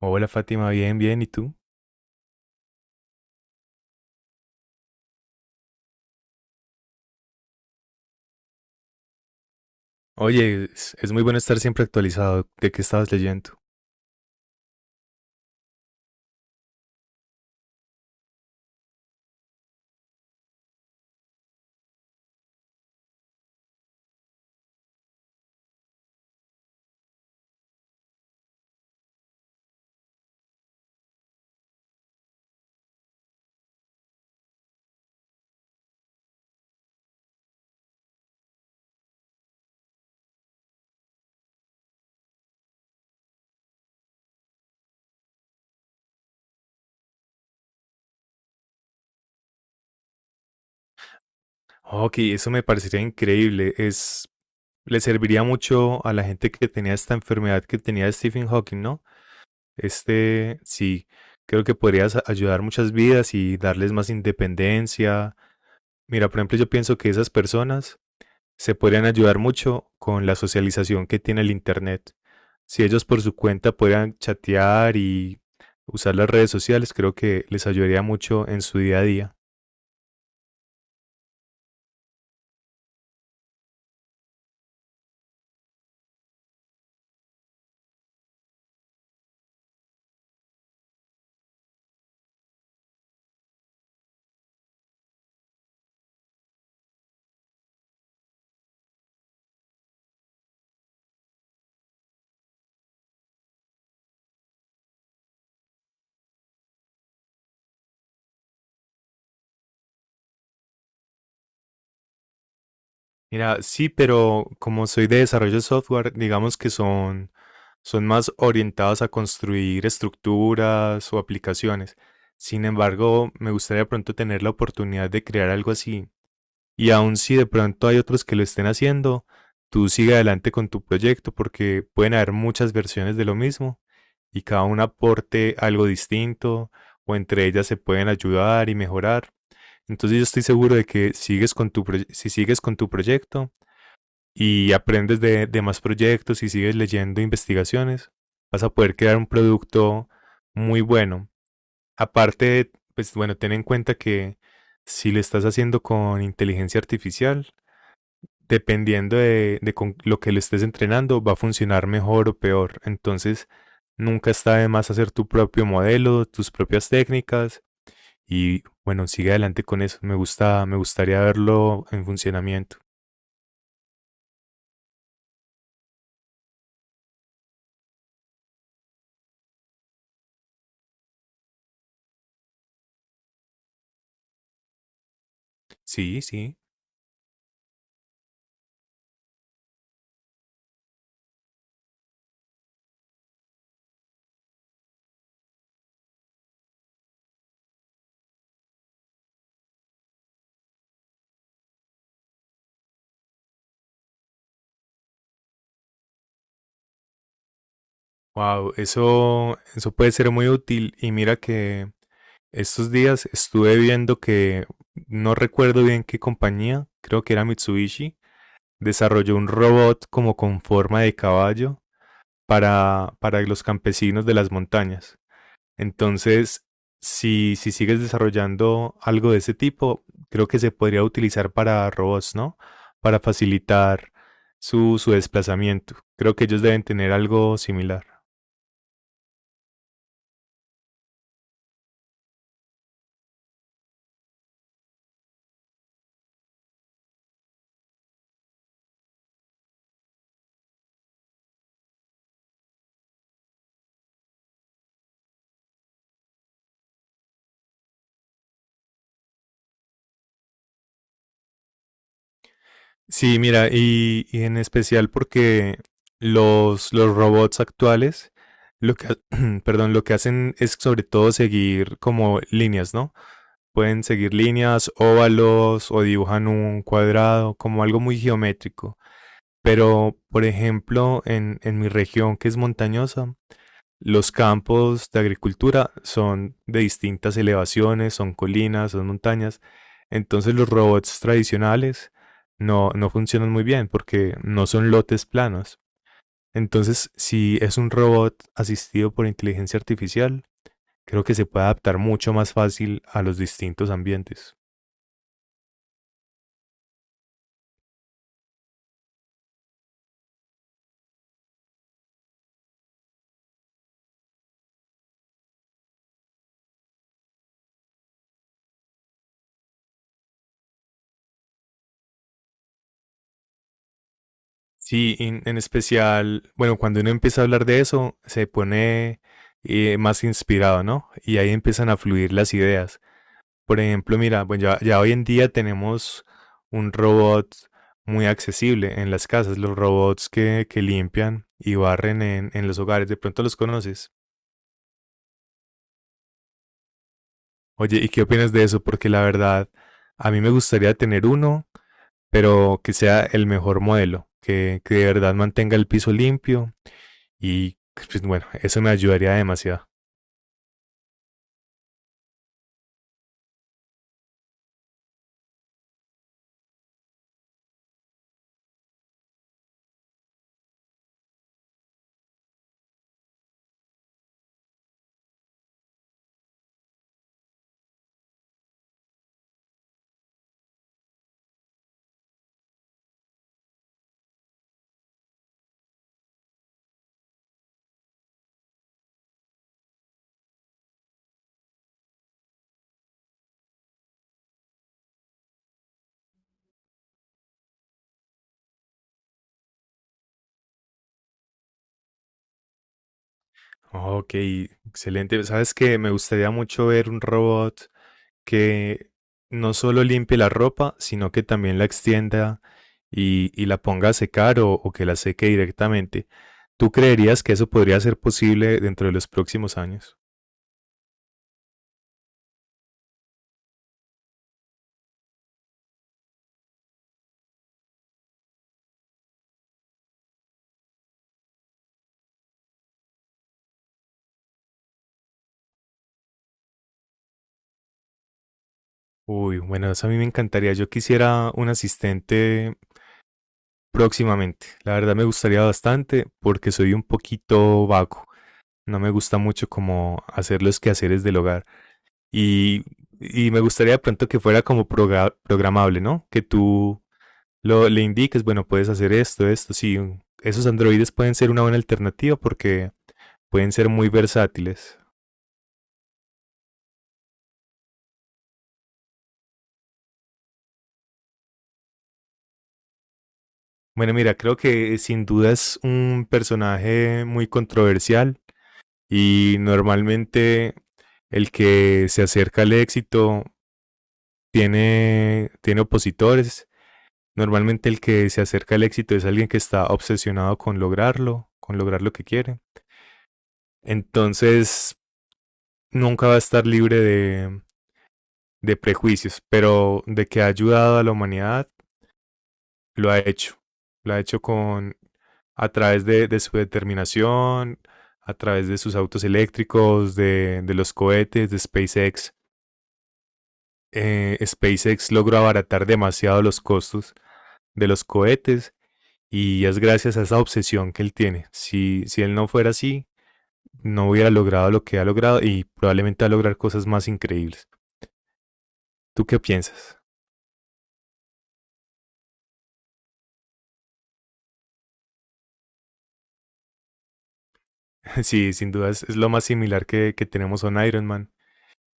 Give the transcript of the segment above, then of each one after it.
Hola Fátima, bien, bien, ¿y tú? Oye, es muy bueno estar siempre actualizado de qué estabas leyendo. Ok, eso me parecería increíble. Es, le serviría mucho a la gente que tenía esta enfermedad que tenía Stephen Hawking, ¿no? Este, sí, creo que podrías ayudar muchas vidas y darles más independencia. Mira, por ejemplo, yo pienso que esas personas se podrían ayudar mucho con la socialización que tiene el Internet. Si ellos por su cuenta pudieran chatear y usar las redes sociales, creo que les ayudaría mucho en su día a día. Mira, sí, pero como soy de desarrollo de software, digamos que son más orientados a construir estructuras o aplicaciones. Sin embargo, me gustaría pronto tener la oportunidad de crear algo así, y aun si de pronto hay otros que lo estén haciendo, tú sigue adelante con tu proyecto porque pueden haber muchas versiones de lo mismo y cada una aporte algo distinto o entre ellas se pueden ayudar y mejorar. Entonces yo estoy seguro de que sigues con tu proye- si sigues con tu proyecto y aprendes de más proyectos y sigues leyendo investigaciones, vas a poder crear un producto muy bueno. Aparte, pues bueno, ten en cuenta que si lo estás haciendo con inteligencia artificial, dependiendo de con lo que le estés entrenando, va a funcionar mejor o peor. Entonces, nunca está de más hacer tu propio modelo, tus propias técnicas y bueno, sigue adelante con eso. Me gusta, me gustaría verlo en funcionamiento. Sí, sí. Wow, eso puede ser muy útil. Y mira que estos días estuve viendo que no recuerdo bien qué compañía, creo que era Mitsubishi, desarrolló un robot como con forma de caballo para los campesinos de las montañas. Entonces, si sigues desarrollando algo de ese tipo, creo que se podría utilizar para robots, ¿no? Para facilitar su desplazamiento. Creo que ellos deben tener algo similar. Sí, mira, y en especial porque los robots actuales, lo que, perdón, lo que hacen es sobre todo seguir como líneas, ¿no? Pueden seguir líneas, óvalos o dibujan un cuadrado, como algo muy geométrico. Pero, por ejemplo, en mi región que es montañosa, los campos de agricultura son de distintas elevaciones, son colinas, son montañas. Entonces los robots tradicionales no funcionan muy bien porque no son lotes planos. Entonces, si es un robot asistido por inteligencia artificial, creo que se puede adaptar mucho más fácil a los distintos ambientes. Sí, en especial, bueno, cuando uno empieza a hablar de eso, se pone más inspirado, ¿no? Y ahí empiezan a fluir las ideas. Por ejemplo, mira, pues ya hoy en día tenemos un robot muy accesible en las casas, los robots que limpian y barren en los hogares, de pronto los conoces. Oye, ¿y qué opinas de eso? Porque la verdad, a mí me gustaría tener uno, pero que sea el mejor modelo, que de verdad mantenga el piso limpio y pues bueno, eso me ayudaría demasiado. Ok, excelente. Sabes que me gustaría mucho ver un robot que no solo limpie la ropa, sino que también la extienda y la ponga a secar o que la seque directamente. ¿Tú creerías que eso podría ser posible dentro de los próximos años? Uy, bueno, eso a mí me encantaría. Yo quisiera un asistente próximamente. La verdad me gustaría bastante porque soy un poquito vago. No me gusta mucho como hacer los quehaceres del hogar. Y, y me gustaría de pronto que fuera como programable, ¿no? Que tú lo, le indiques bueno, puedes hacer esto, esto, sí. Esos androides pueden ser una buena alternativa porque pueden ser muy versátiles. Bueno, mira, creo que sin duda es un personaje muy controversial y normalmente el que se acerca al éxito tiene opositores. Normalmente el que se acerca al éxito es alguien que está obsesionado con lograrlo, con lograr lo que quiere. Entonces, nunca va a estar libre de prejuicios, pero de que ha ayudado a la humanidad, lo ha hecho. Lo ha hecho con a través de su determinación, a través de sus autos eléctricos, de los cohetes, de SpaceX. SpaceX logró abaratar demasiado los costos de los cohetes y es gracias a esa obsesión que él tiene. Si él no fuera así, no hubiera logrado lo que ha logrado y probablemente va a lograr cosas más increíbles. ¿Tú qué piensas? Sí, sin duda es lo más similar que tenemos a un Iron Man.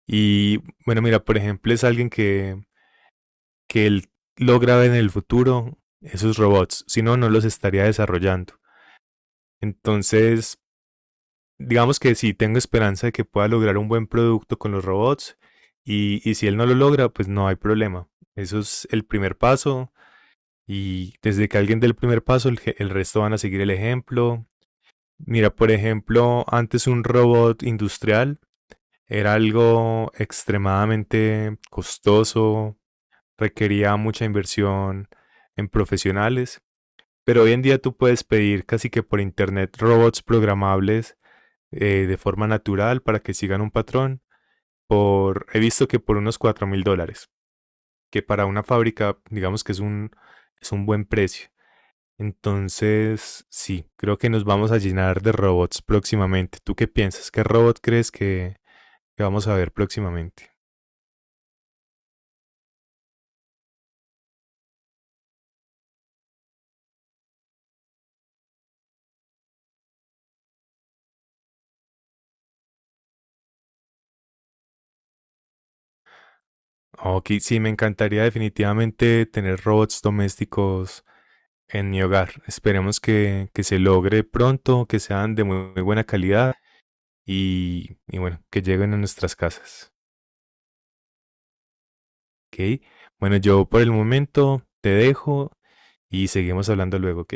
Y bueno, mira, por ejemplo, es alguien que él logra ver en el futuro esos robots, si no, no los estaría desarrollando. Entonces, digamos que sí, tengo esperanza de que pueda lograr un buen producto con los robots y si él no lo logra, pues no hay problema. Eso es el primer paso y desde que alguien dé el primer paso, el resto van a seguir el ejemplo. Mira, por ejemplo, antes un robot industrial era algo extremadamente costoso, requería mucha inversión en profesionales, pero hoy en día tú puedes pedir casi que por internet robots programables de forma natural para que sigan un patrón. Por, he visto que por unos $4.000, que para una fábrica digamos que es un buen precio. Entonces, sí, creo que nos vamos a llenar de robots próximamente. ¿Tú qué piensas? ¿Qué robot crees que vamos a ver próximamente? Ok, sí, me encantaría definitivamente tener robots domésticos en mi hogar. Esperemos que se logre pronto, que sean de muy, muy buena calidad y bueno, que lleguen a nuestras casas. Ok, bueno, yo por el momento te dejo y seguimos hablando luego, ¿ok?